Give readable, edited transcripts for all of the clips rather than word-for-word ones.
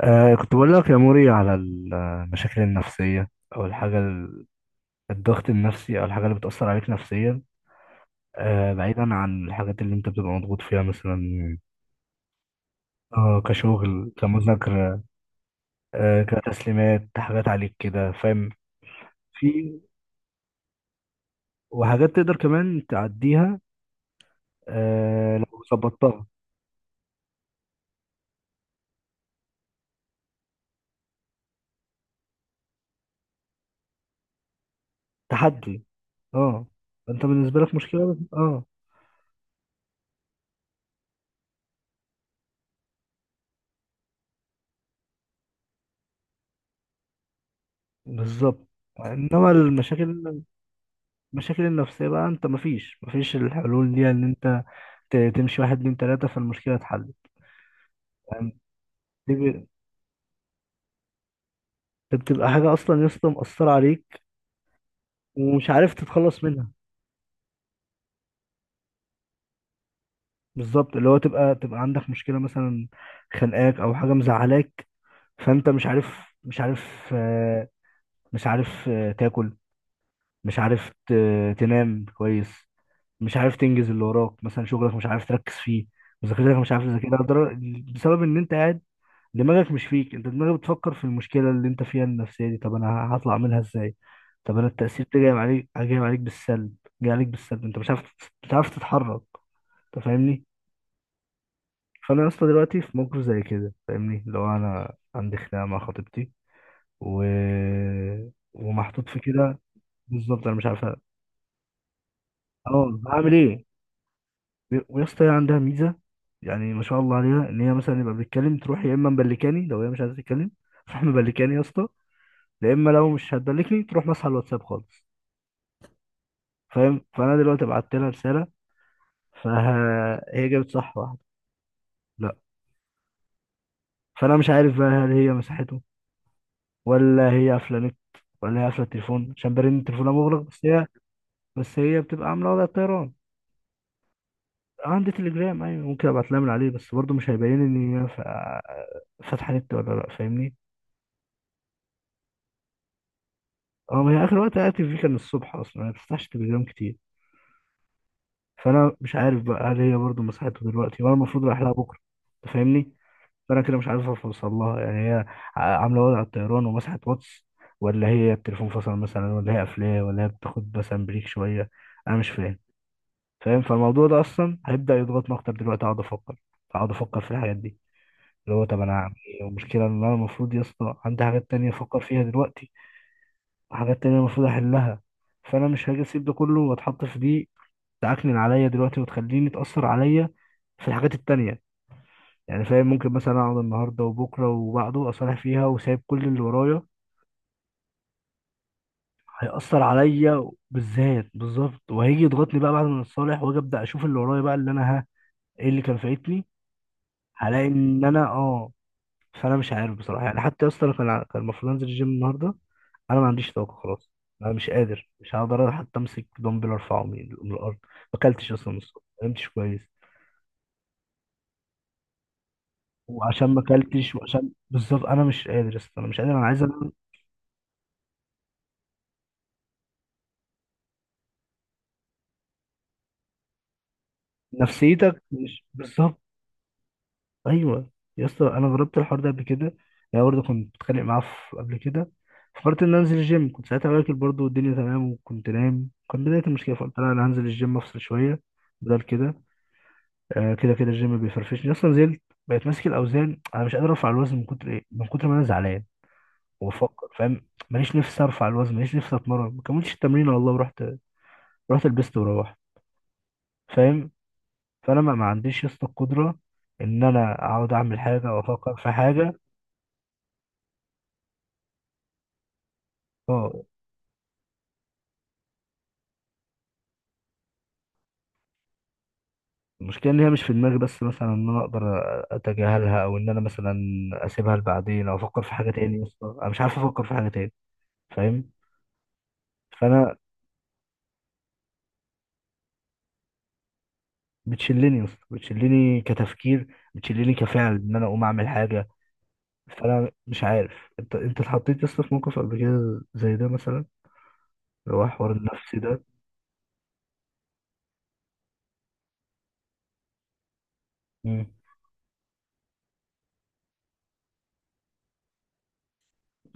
كنت بقول لك يا موري على المشاكل النفسية أو الضغط النفسي أو الحاجة اللي بتأثر عليك نفسيا. بعيدا عن الحاجات اللي أنت بتبقى مضغوط فيها مثلا. كشغل، كمذاكرة، كتسليمات، حاجات عليك كده، فاهم؟ في. وحاجات تقدر كمان تعديها، لو ظبطتها. تحدي. اه. أنت بالنسبة لك مشكلة بس. اه. بالظبط. انما المشاكل النفسيه بقى، انت مفيش الحلول دي، ان انت تمشي واحد اتنين تلاتة فالمشكلة اتحلت. يعني تبقى بتبقى حاجة أصلا يا اسطى مأثرة عليك ومش عارف تتخلص منها. بالظبط، اللي هو تبقى تبقى عندك مشكلة مثلا خانقاك أو حاجة مزعلاك، فأنت مش عارف آه، مش عارف تاكل، مش عارف تنام كويس، مش عارف تنجز اللي وراك مثلا شغلك، مش عارف تركز فيه، مذاكرتك مش عارف تذاكرها، بسبب إن أنت قاعد دماغك مش فيك. انت دماغك بتفكر في المشكله اللي انت فيها النفسيه دي، طب انا هطلع منها ازاي؟ طب انا التاثير ده جاي عليك بالسلب. انت مش عارف مش عارف تتحرك. انت فاهمني؟ فانا يا اسطى دلوقتي في موقف زي كده، فاهمني، لو انا عندي خناقه مع خطيبتي و... ومحطوط في كده. بالظبط انا مش عارف اه هعمل ايه. ويا اسطى هي عندها ميزه، يعني ما شاء الله عليها، ان هي مثلا يبقى بتتكلم تروح يا اما مبلكاني، لو هي مش عايزه تتكلم تروح مبلكاني يا اسطى. لا اما لو مش هتدلكني تروح ماسحه الواتساب خالص، فاهم؟ فانا دلوقتي بعت لها رساله، فهي جابت صح واحده. لا. فانا مش عارف بقى، هل هي مسحته، ولا هي قافله نت، ولا هي قافله التليفون عشان برن تليفونها مغلق، بس هي بتبقى عامله وضع الطيران. عندي تليجرام، ايوه، ممكن ابعت لها من عليه، بس برضه مش هيبين ان هي فاتحه نت ولا لا، فاهمني؟ اه. ما هي اخر وقت قعدت فيه كان الصبح، اصلا ما بفتحش تليجرام كتير. فانا مش عارف بقى، هل هي برضه مسحته دلوقتي، وانا المفروض رايح لها بكره. أنت فاهمني؟ فانا كده مش عارف اوصل لها، يعني هي عامله وضع الطيران ومسحت واتس، ولا هي التليفون فصل مثلا، ولا هي قافلاه، ولا هي بتاخد مثلا بريك شويه. انا مش فاهم. فاهم؟ فالموضوع ده اصلا هيبدا يضغطني اكتر دلوقتي، اقعد افكر في الحاجات دي، اللي هو طب انا هعمل ايه. والمشكله ان انا المفروض يا اسطى عندي حاجات تانية افكر فيها دلوقتي، وحاجات تانية المفروض احلها، فانا مش هاجي اسيب ده كله واتحط في دي تعكنن عليا دلوقتي وتخليني اتاثر عليا في الحاجات التانية. يعني فاهم، ممكن مثلا اقعد النهارده وبكره وبعده اصالح فيها وسايب كل اللي ورايا، هيأثر عليا بالذات بالظبط. وهيجي يضغطني بقى بعد ما اتصالح واجي ابدا اشوف اللي ورايا بقى، اللي انا ها ايه اللي كان فايتني. هلاقي ان انا فانا مش عارف بصراحه، يعني حتى اصلا كان كان المفروض انزل الجيم النهارده، انا ما عنديش طاقه خلاص. انا مش قادر، مش هقدر حتى امسك دمبل ارفعه من الارض، ما اكلتش اصلا من الصبح، ما نمتش كويس، وعشان ما اكلتش، وعشان بالظبط انا مش قادر يا اسطى، انا مش قادر، انا عايز أنام. نفسيتك مش بالظبط. ايوه يا اسطى، انا جربت الحوار ده قبل كده، يعني برضه كنت بتخانق معاه قبل كده، فكرت ان أنا انزل الجيم، كنت ساعتها واكل برضه والدنيا تمام، وكنت نايم، كان بدايه المشكله، فقلت لا انا هنزل الجيم افصل شويه بدل كده. كده كده الجيم بيفرفشني اصلا. نزلت بقيت ماسك الاوزان، انا مش قادر ارفع الوزن من كتر ايه، من كتر ما انا زعلان وبفكر، فاهم؟ ماليش نفسي ارفع الوزن، ماليش نفسي اتمرن، ما كملتش التمرين والله، ورحت رحت لبست وروحت، فاهم؟ فانا ما عنديش يا اسطى القدره ان انا اقعد اعمل حاجه او افكر في حاجه. اه. المشكلة ان هي مش في دماغي بس مثلا، ان انا اقدر اتجاهلها او ان انا مثلا اسيبها لبعدين او افكر في حاجة تاني، يا اسطى انا مش عارف افكر في حاجة تاني، فاهم؟ فانا بتشلني يا اسطى، بتشلني كتفكير، بتشلني كفعل ان انا اقوم اعمل حاجة. فانا مش عارف، انت اتحطيت يا اسطى في موقف قبل كده زي ده مثلا، اللي هو حوار النفسي ده؟ مم.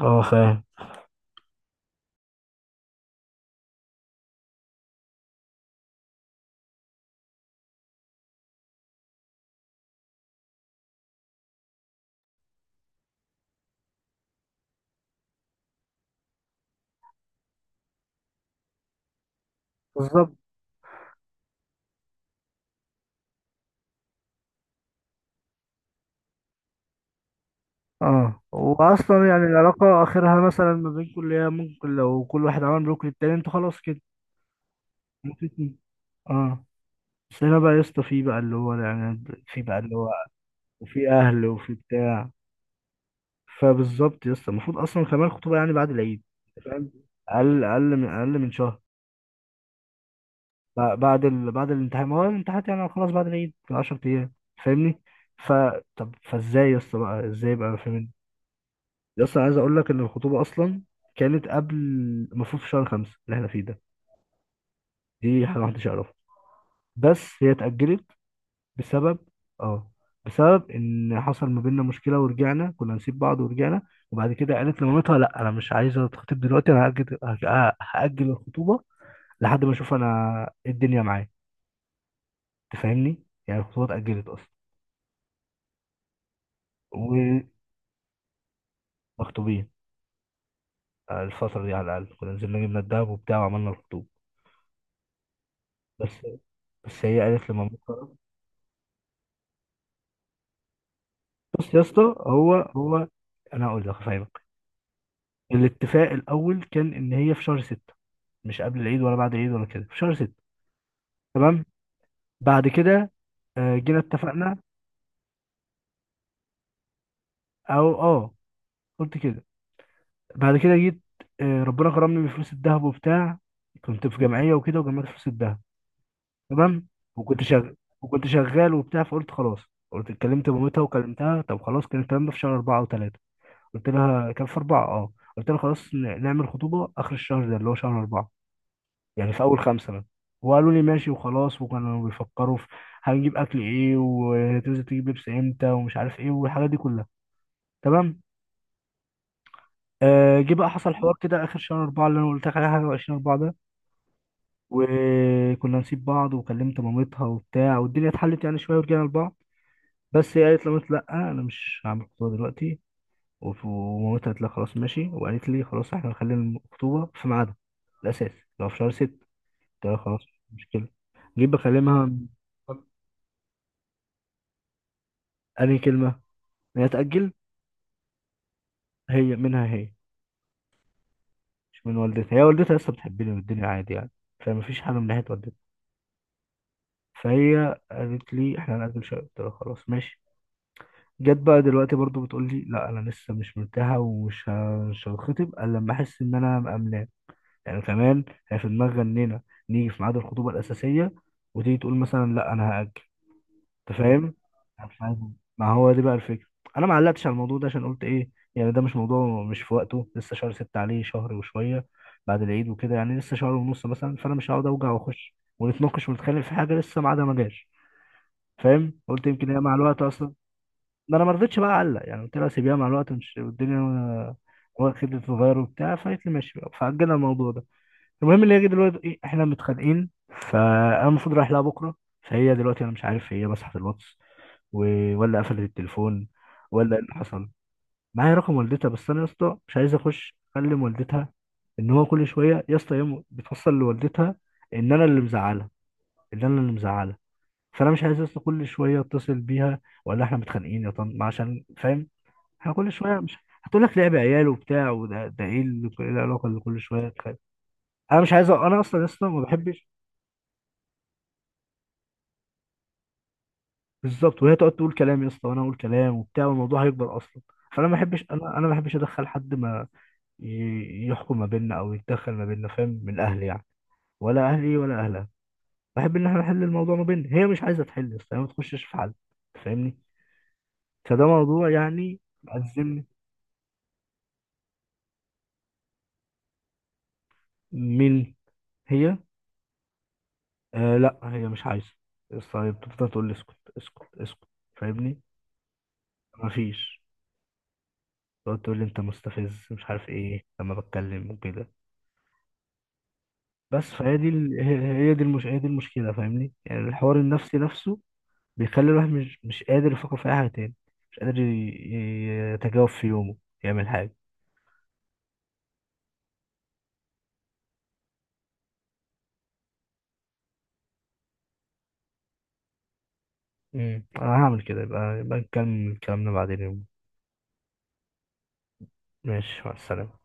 اه، فاهم. بالظبط. اه، واصلا يعني العلاقة اخرها مثلا ما بينكم، اللي هي ممكن لو كل واحد عمل بلوك للتاني انتوا خلاص كده، ممكن. اه. بس هنا بقى يا اسطى في بقى اللي هو، وفي اهل وفي بتاع. فبالظبط يا اسطى المفروض اصلا كمان الخطوبه يعني بعد العيد، أنت فاهم؟ اقل من شهر. بعد الامتحان، ما هو الامتحانات يعني خلاص بعد العيد ب 10 ايام، فاهمني؟ ف طب فازاي يا اسطى بقى، ازاي بقى، فاهمني؟ يا اسطى، أنا عايز اقول لك ان الخطوبه اصلا كانت قبل، المفروض في شهر خمسة اللي احنا فيه ده، دي حاجه محدش يعرفها، بس هي اتاجلت بسبب، اه بسبب ان حصل ما بيننا مشكله ورجعنا، كنا نسيب بعض ورجعنا. وبعد كده قالت لمامتها لا انا مش عايزه اتخطب دلوقتي، انا هاجل الخطوبه لحد ما اشوف انا إيه الدنيا معايا، تفهمني؟ يعني الخطوبه اتاجلت اصلا. ومخطوبين. الفتره دي على الاقل كنا نزلنا جبنا الدهب وبتاع وعملنا الخطوبه. بس. بس هي قالت لمامتها، بص يا اسطى، هو هو انا هقول لك هفهمك. الاتفاق الاول كان ان هي في شهر ستة، مش قبل العيد ولا بعد العيد ولا كده، في شهر ستة. تمام. بعد كده جينا اتفقنا. او اه قلت كده. بعد كده جيت، ربنا كرمني بفلوس الذهب وبتاع، كنت في جمعيه وكده وجمعت فلوس الذهب. تمام. وكنت شغال، وبتاع، فقلت خلاص. قلت اتكلمت مامتها وكلمتها، طب خلاص، كان الكلام ده في شهر أربعة أو ثلاثة، قلت لها كان في أربعة. قلت لها خلاص نعمل خطوبة آخر الشهر ده اللي هو شهر أربعة، يعني في أول خمسة بقى. وقالوا لي ماشي وخلاص، وكانوا بيفكروا في هنجيب أكل إيه، وتنزل تجيب لبس إمتى، ومش عارف إيه، والحاجات دي كلها. تمام. جه بقى حصل حوار كده اخر شهر اربعه اللي انا قلت لك عليه، حاجه وعشرين اربعه ده. وكنا نسيب بعض، وكلمت مامتها وبتاع والدنيا اتحلت يعني شويه ورجعنا لبعض. بس هي قالت لمامتي لا انا مش هعمل خطوبه دلوقتي، ومامتها قالت لها خلاص ماشي، وقالت لي خلاص احنا هنخلي الخطوبه في ميعادها الاساس لو في شهر ست، قلت لها خلاص مش مشكله. جيت بكلمها. انهي كلمه؟ هي تاجل. هي منها، هي مش من والدتها، هي والدتها لسه بتحبني والدنيا عادي يعني، فمفيش حاجه من ناحيه والدتها. فهي قالت لي احنا هنأجل شوية، قلت لها خلاص ماشي. جت بقى دلوقتي برضو بتقول لي لا انا لسه مش مرتاحه، مش هتخطب الا لما احس ان انا مأمناه، يعني كمان. هي في دماغ غنينا نيجي في ميعاد الخطوبه الاساسيه، وتيجي تقول مثلا لا انا هأجل. انت فاهم؟ أنا مش عايز- ما هو دي بقى الفكره. انا ما علقتش على الموضوع ده عشان قلت ايه، يعني ده مش موضوع مش في وقته لسه شهر ستة، عليه شهر وشويه بعد العيد وكده، يعني لسه شهر ونص مثلا، فانا مش هقعد اوجع واخش ونتناقش ونتخانق في حاجه لسه ميعادها ما جاش، فاهم؟ قلت يمكن هي مع الوقت اصلا، ما انا ما رضيتش بقى اعلق، يعني قلت لها سيبيها مع الوقت، مش والدنيا هو كده تتغير وبتاع. فقالت لي ماشي بقى، فاجلنا الموضوع ده. المهم اللي هي دلوقتي ايه، احنا متخانقين، فانا المفروض رايح لها بكره، فهي دلوقتي انا مش عارف هي مسحت الواتس، ولا قفلت التليفون، ولا ايه اللي حصل. معايا رقم والدتها، بس انا يا اسطى مش عايز اخش اكلم والدتها، ان هو كل شويه يا اسطى هي بتوصل لوالدتها ان انا اللي مزعلها، ان انا اللي مزعلها فانا مش عايز لسه كل شويه اتصل بيها ولا احنا متخانقين يا طن، عشان فاهم احنا كل شويه مش هتقول لك لعب عيال وبتاع، وده ده ايه إيه العلاقه اللي كل شويه تخانق؟ انا مش عايز انا اصلا لسه ما بحبش. بالظبط، وهي تقعد تقول كلام يا اسطى وانا اقول كلام وبتاع والموضوع هيكبر اصلا، فانا ما بحبش، انا ما بحبش ادخل حد ما يحكم ما بيننا او يتدخل ما بيننا، فاهم؟ من اهلي يعني، ولا اهلي ولا اهلها. بحب ان احنا نحل الموضوع ما بيننا، هي مش عايزه تحل يا اسطى، هي ما تخشش في حل، فاهمني؟ فده موضوع يعني مأزمني. مين؟ هي؟ آه، لا هي مش عايزه، بس هي بتفضل تقول لي اسكت اسكت اسكت، فاهمني؟ مفيش. تقعد تقول لي انت مستفز مش عارف ايه لما بتكلم وكده، بس فهي دي ال... هي هي دي المش... هي دي المشكله، فاهمني؟ يعني الحوار النفسي نفسه بيخلي الواحد مش قادر يفكر في اي حاجه تاني، مش قادر يتجاوب في يومه، يعمل حاجه. انا هعمل كده، يبقى نكمل كلامنا بعدين يوم. ماشي، مع السلامه.